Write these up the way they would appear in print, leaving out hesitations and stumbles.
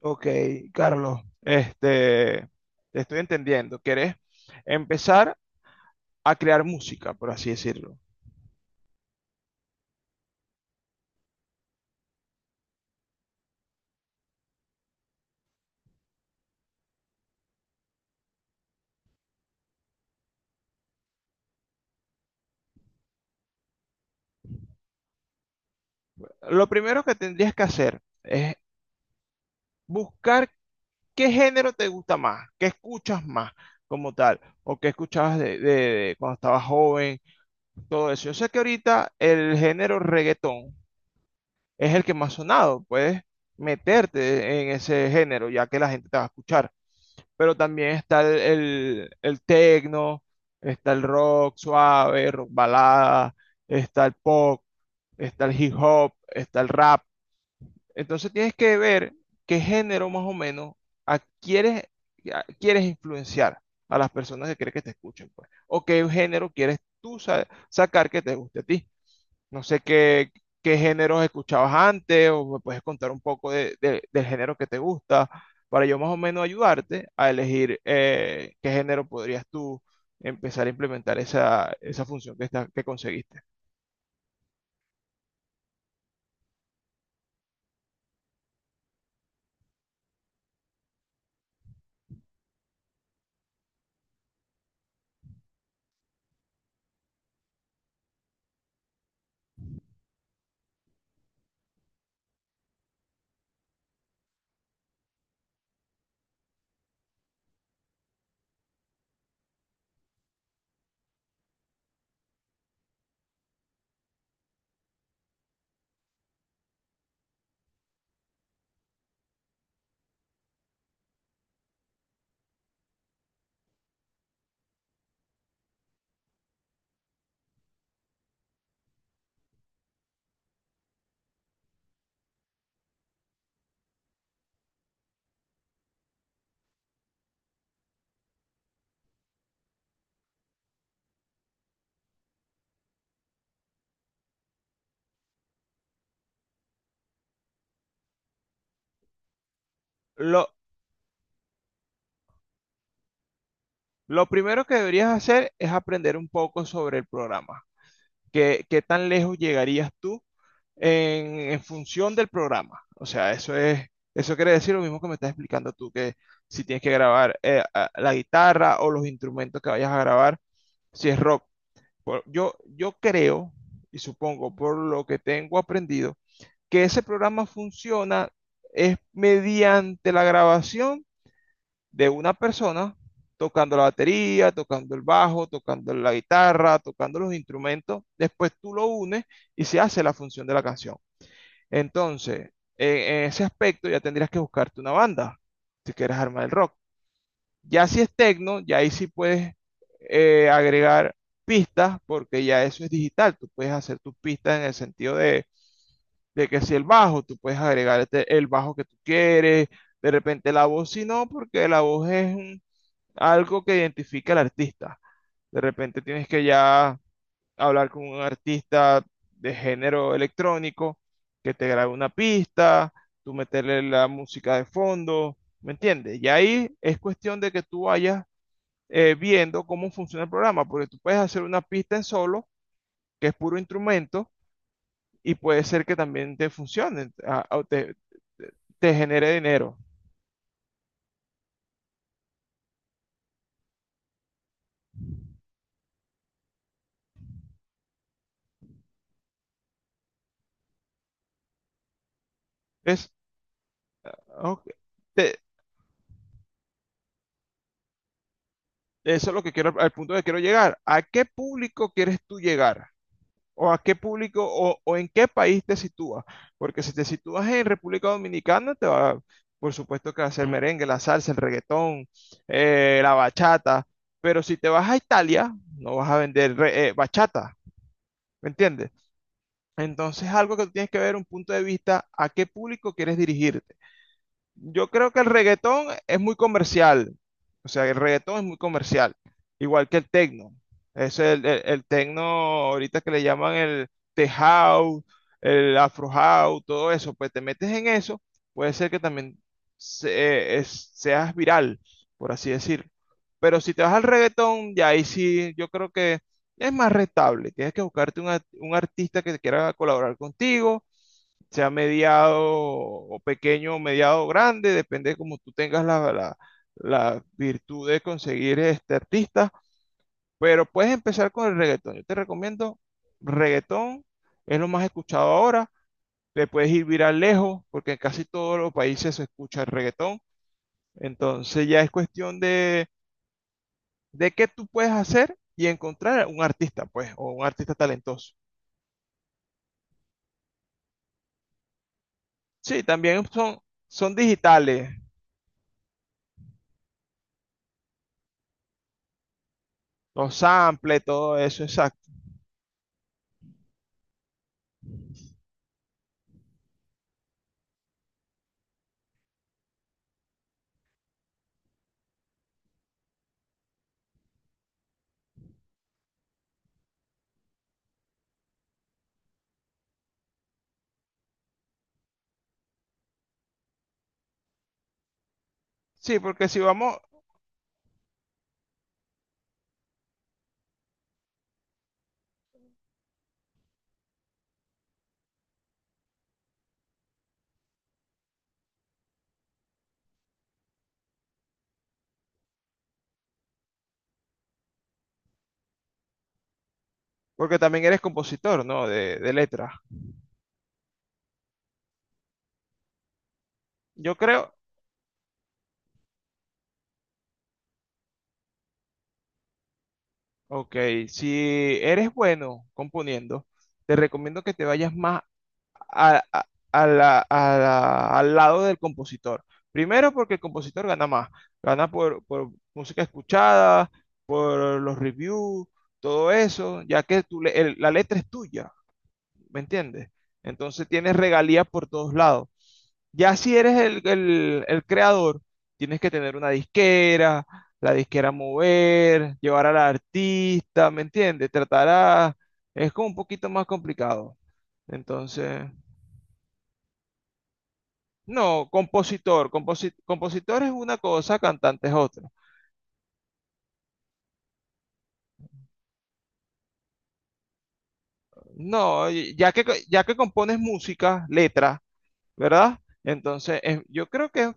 Ok, Carlos, te estoy entendiendo. ¿Querés empezar a crear música, por así decirlo? Lo primero que tendrías que hacer es buscar qué género te gusta más, qué escuchas más como tal, o qué escuchabas de cuando estabas joven, todo eso. Yo sé que ahorita el género reggaetón es el que más sonado. Puedes meterte en ese género, ya que la gente te va a escuchar. Pero también está el techno, está el rock suave, rock balada, está el pop, está el hip hop, está el rap. Entonces tienes que ver qué género más o menos adquieres, quieres influenciar a las personas que quieres que te escuchen, pues. O qué género quieres tú sacar que te guste a ti. No sé qué, qué géneros escuchabas antes, o me puedes contar un poco del género que te gusta para yo más o menos ayudarte a elegir qué género podrías tú empezar a implementar esa, esa función que conseguiste. Lo, lo primero que deberías hacer es aprender un poco sobre el programa. Qué tan lejos llegarías tú en función del programa? O sea, eso quiere decir lo mismo que me estás explicando tú, que si tienes que grabar la guitarra o los instrumentos que vayas a grabar, si es rock. Yo creo, y supongo por lo que tengo aprendido, que ese programa funciona es mediante la grabación de una persona tocando la batería, tocando el bajo, tocando la guitarra, tocando los instrumentos. Después tú lo unes y se hace la función de la canción. Entonces, en ese aspecto ya tendrías que buscarte una banda si quieres armar el rock. Ya si es techno, ya ahí sí puedes agregar pistas, porque ya eso es digital. Tú puedes hacer tus pistas en el sentido de que si el bajo, tú puedes agregar el bajo que tú quieres, de repente la voz, si no, porque la voz es algo que identifica al artista. De repente tienes que ya hablar con un artista de género electrónico que te grabe una pista, tú meterle la música de fondo, ¿me entiendes? Y ahí es cuestión de que tú vayas viendo cómo funciona el programa, porque tú puedes hacer una pista en solo, que es puro instrumento, y puede ser que también te funcione, te- te genere dinero. Es, ok, te- eso es lo que quiero, al punto que quiero llegar. ¿A qué público quieres tú llegar? ¿O a qué público, o en qué país te sitúas? Porque si te sitúas en República Dominicana, por supuesto que va a ser merengue, la salsa, el reggaetón, la bachata. Pero si te vas a Italia, no vas a vender bachata, ¿me entiendes? Entonces, algo que tú tienes que ver un punto de vista a qué público quieres dirigir. Yo creo que el reggaetón es muy comercial. O sea, el reggaetón es muy comercial. Igual que el tecno. Es el tecno ahorita que le llaman el tech house, el afro house, todo eso. Pues te metes en eso, puede ser que también seas viral, por así decirlo. Pero si te vas al reggaetón, ya ahí sí, yo creo que es más rentable. Tienes que buscarte un artista que quiera colaborar contigo, sea mediado o pequeño o mediado grande, depende de cómo tú tengas la virtud de conseguir este artista, pero puedes empezar con el reggaetón. Yo te recomiendo reggaetón, es lo más escuchado ahora, le puedes ir viral lejos, porque en casi todos los países se escucha el reggaetón. Entonces ya es cuestión de qué tú puedes hacer y encontrar un artista, pues, o un artista talentoso. Sí, también son, son digitales, los samples, todo eso, exacto. Sí, porque si vamos, porque también eres compositor, ¿no? De letras. Yo creo, ok, si eres bueno componiendo, te recomiendo que te vayas más a- a- a al lado del compositor. Primero porque el compositor gana más, gana por música escuchada, por los reviews, todo eso, ya que tú la letra es tuya, ¿me entiendes? Entonces tienes regalías por todos lados. Ya si eres el creador, tienes que tener una disquera, la disquera mover, llevar al artista, ¿me entiendes? Tratar a... Es como un poquito más complicado. Entonces, no, compositor, compositor es una cosa, cantante es otra. No, ya que, ya que compones música, letra, ¿verdad? Entonces, es- yo creo que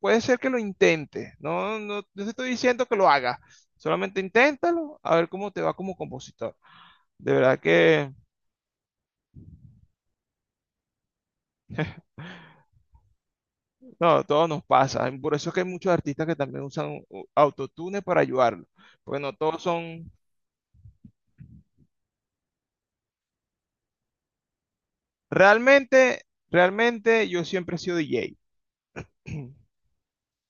puede ser que lo intente, no, no, no te estoy diciendo que lo hagas, solamente inténtalo, a ver cómo te va como compositor. De verdad que, no, todo nos pasa. Por eso es que hay muchos artistas que también usan autotune para ayudarlo, porque no todos son... Realmente, realmente yo siempre he sido DJ,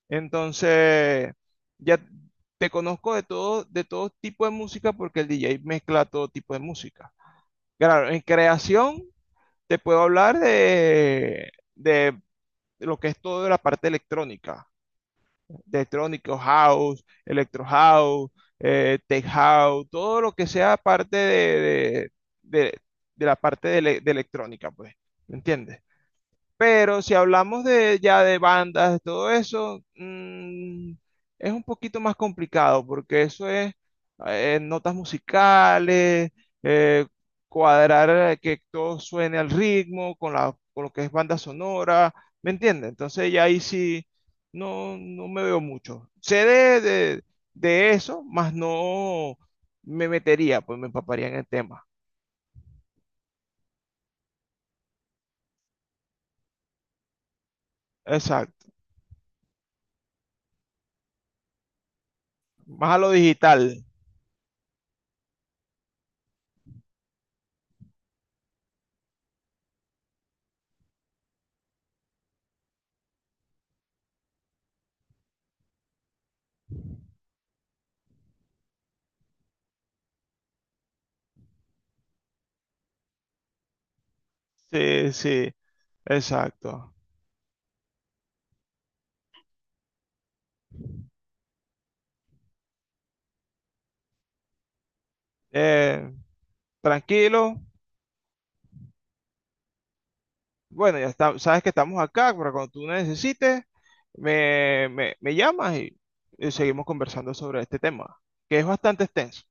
entonces ya te conozco de todo tipo de música porque el DJ mezcla todo tipo de música. Claro, en creación te puedo hablar de de lo que es toda la parte electrónica, de electrónico house, electro house, tech house, todo lo que sea parte de- de la parte de, de electrónica, pues, ¿me entiendes? Pero si hablamos de ya de bandas, de todo eso, es un poquito más complicado porque eso es notas musicales, eh, cuadrar que todo suene al ritmo con la, con lo que es banda sonora, ¿me entiendes? Entonces ya ahí sí no, no me veo mucho. Sé de eso, más no me metería, pues me empaparía en el tema. Exacto. Más a lo digital. Sí, sí, exacto. Eh, tranquilo. Bueno, ya está, sabes que estamos acá, pero cuando tú necesites, me llamas y seguimos conversando sobre este tema, que es bastante extenso.